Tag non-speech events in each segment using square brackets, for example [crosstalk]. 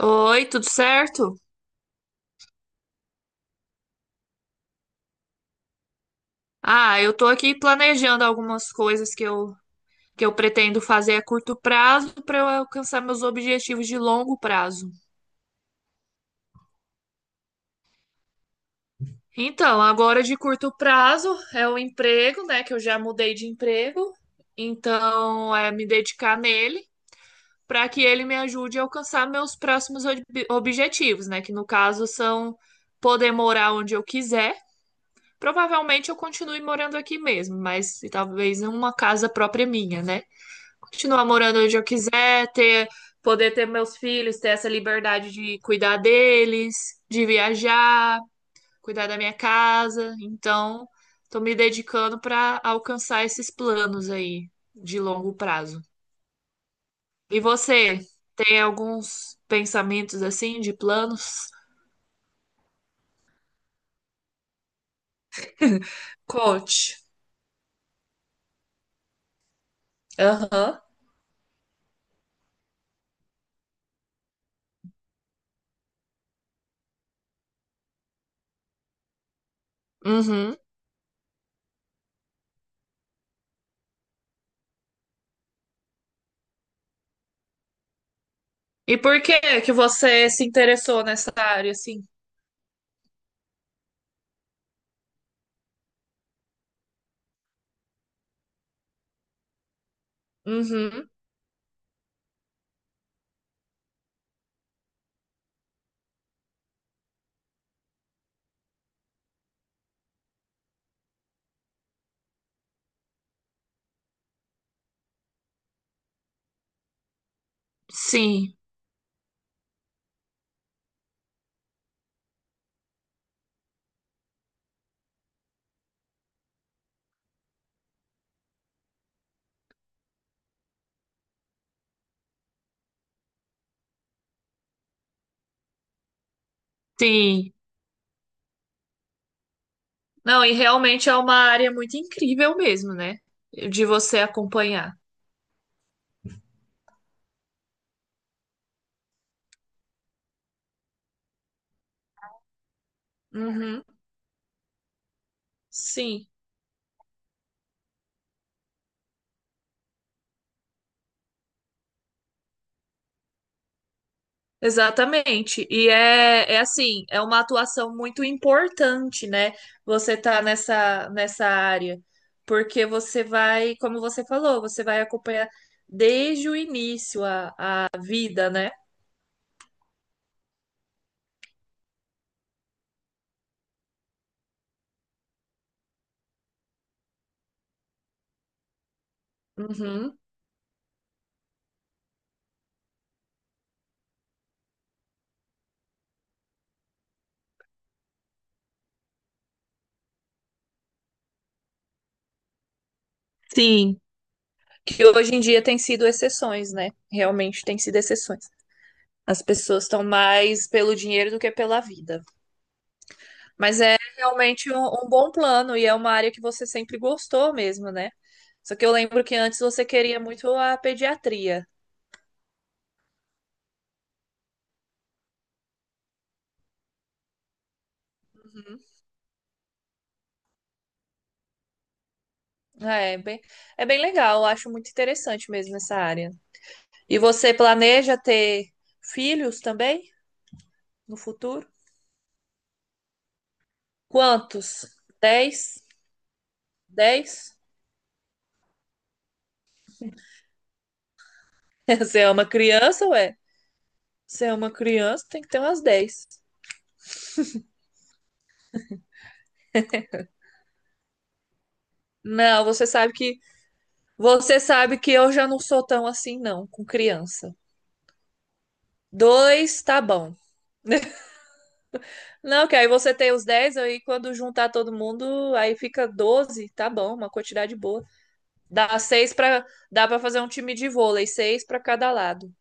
Oi, tudo certo? Ah, eu tô aqui planejando algumas coisas que eu pretendo fazer a curto prazo para eu alcançar meus objetivos de longo prazo. Então, agora de curto prazo é o emprego, né? Que eu já mudei de emprego. Então, é me dedicar nele para que ele me ajude a alcançar meus próximos objetivos, né? Que no caso são poder morar onde eu quiser. Provavelmente eu continue morando aqui mesmo, mas talvez em uma casa própria minha, né? Continuar morando onde eu quiser, ter, poder ter meus filhos, ter essa liberdade de cuidar deles, de viajar, cuidar da minha casa. Então, estou me dedicando para alcançar esses planos aí de longo prazo. E você, tem alguns pensamentos assim de planos? Coach. Aham. Uhum. E por que que você se interessou nessa área assim? Uhum. Sim, sim. Não, e realmente é uma área muito incrível mesmo, né? De você acompanhar. Uhum, sim, exatamente. É assim, é uma atuação muito importante, né? Você tá nessa área. Porque você vai, como você falou, você vai acompanhar desde o início a vida, né? Uhum, sim. Que hoje em dia tem sido exceções, né? Realmente tem sido exceções. As pessoas estão mais pelo dinheiro do que pela vida. Mas é realmente um bom plano e é uma área que você sempre gostou mesmo, né? Só que eu lembro que antes você queria muito a pediatria. Uhum. É, bem, é bem legal, eu acho muito interessante mesmo essa área. E você planeja ter filhos também no futuro? Quantos? 10? 10? [laughs] Você é uma criança, ué? Você é uma criança, tem que ter umas 10. Não, você sabe que eu já não sou tão assim, não, com criança. Dois, tá bom. [laughs] Não, que aí você tem os 10, aí quando juntar todo mundo, aí fica 12, tá bom, uma quantidade boa. Dá seis para Dá para fazer um time de vôlei, seis para cada lado.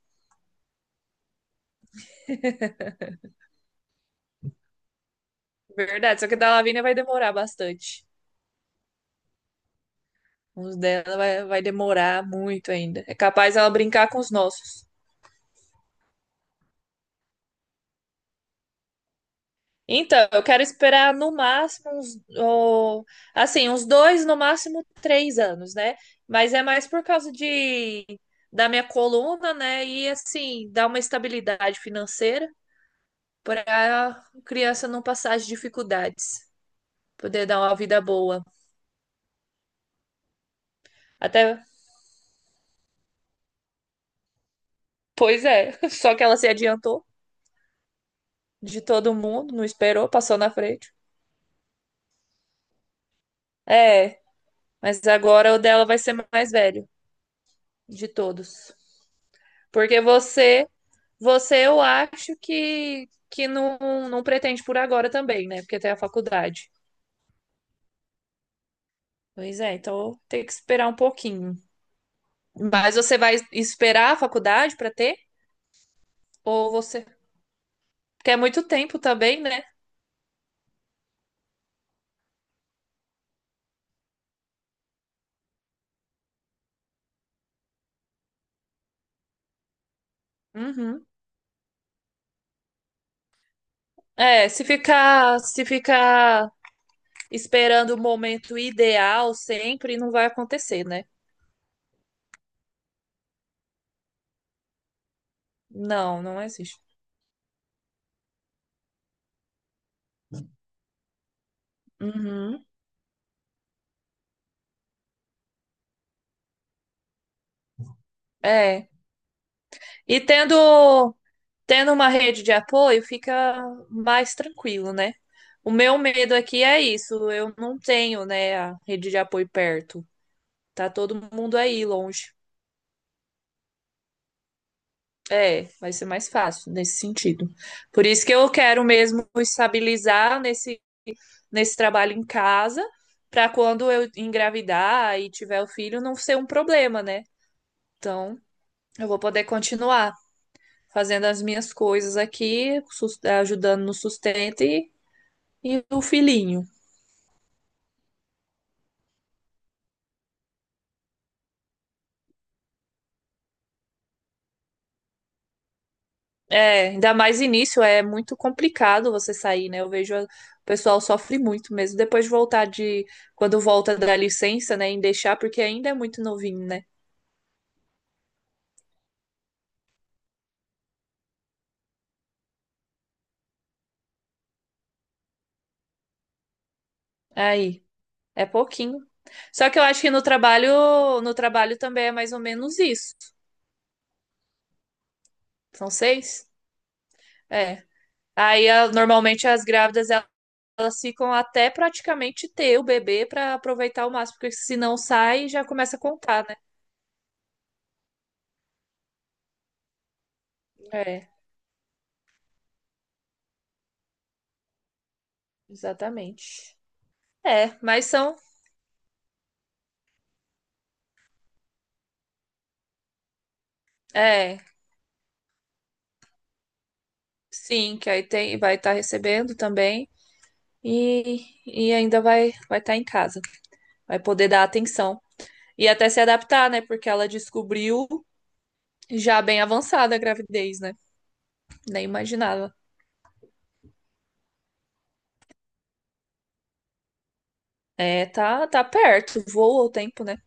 Verdade, só que a da Lavínia vai demorar bastante. Uns dela vai demorar muito ainda. É capaz ela brincar com os nossos. Então, eu quero esperar no máximo uns, ó, assim, uns dois, no máximo 3 anos, né? Mas é mais por causa de da minha coluna, né? E assim, dar uma estabilidade financeira para a criança não passar as dificuldades, poder dar uma vida boa. Até, pois é, [laughs] só que ela se adiantou de todo mundo, não esperou, passou na frente. É, mas agora o dela vai ser mais velho de todos. Porque você eu acho que não pretende por agora também, né? Porque tem a faculdade. Pois é, então tem que esperar um pouquinho. Mas você vai esperar a faculdade para ter? Ou você. Porque é muito tempo também, né? Uhum. É, se ficar esperando o momento ideal sempre, não vai acontecer, né? Não, não existe. Uhum. É. E tendo uma rede de apoio, fica mais tranquilo, né? O meu medo aqui é isso, eu não tenho, né, a rede de apoio perto. Tá todo mundo aí longe. É, vai ser mais fácil nesse sentido. Por isso que eu quero mesmo estabilizar nesse trabalho em casa, para quando eu engravidar e tiver o filho não ser um problema, né? Então, eu vou poder continuar fazendo as minhas coisas aqui, ajudando no sustento e o filhinho. É, ainda mais início, é muito complicado você sair, né? Eu vejo o pessoal sofre muito mesmo. Depois de voltar de, quando volta da licença, né, em deixar, porque ainda é muito novinho, né? Aí, é pouquinho. Só que eu acho que no trabalho também é mais ou menos isso. São seis? É. Aí, normalmente as grávidas, elas ficam até praticamente ter o bebê para aproveitar o máximo, porque se não sai, já começa a contar, né? É, exatamente. É, mas são. É. Sim, que aí tem, vai estar recebendo também e ainda vai estar em casa, vai poder dar atenção e até se adaptar, né? Porque ela descobriu já bem avançada a gravidez, né? Nem imaginava. É, tá perto, voa o tempo, né?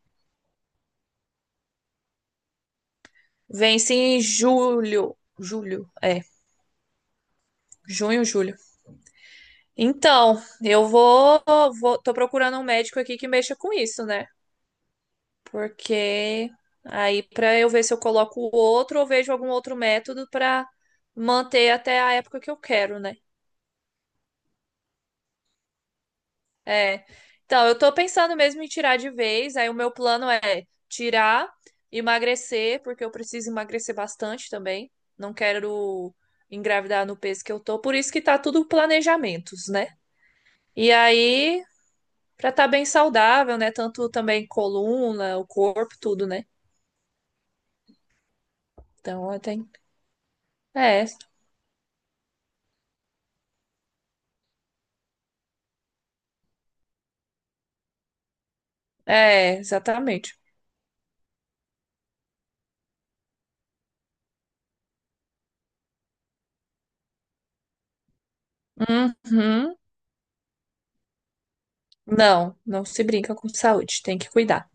Vence em julho, julho, é, junho, julho. Então, eu vou, tô procurando um médico aqui que mexa com isso, né? Porque aí para eu ver se eu coloco o outro ou vejo algum outro método para manter até a época que eu quero, né? É. Então, eu tô pensando mesmo em tirar de vez. Aí o meu plano é tirar, emagrecer, porque eu preciso emagrecer bastante também. Não quero engravidar no peso que eu tô, por isso que tá tudo planejamentos, né? E aí, pra estar tá bem saudável, né? Tanto também coluna, o corpo, tudo, né? Então, eu tenho. É, é, exatamente. Uhum. Não, não se brinca com saúde, tem que cuidar.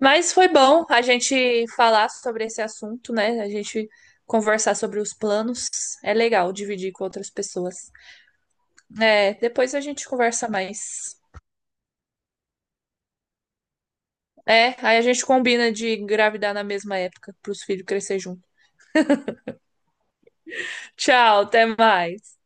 Mas foi bom a gente falar sobre esse assunto, né? A gente conversar sobre os planos. É legal dividir com outras pessoas. É, depois a gente conversa mais. É, aí a gente combina de engravidar na mesma época para os filhos crescer junto. Tchau, até mais.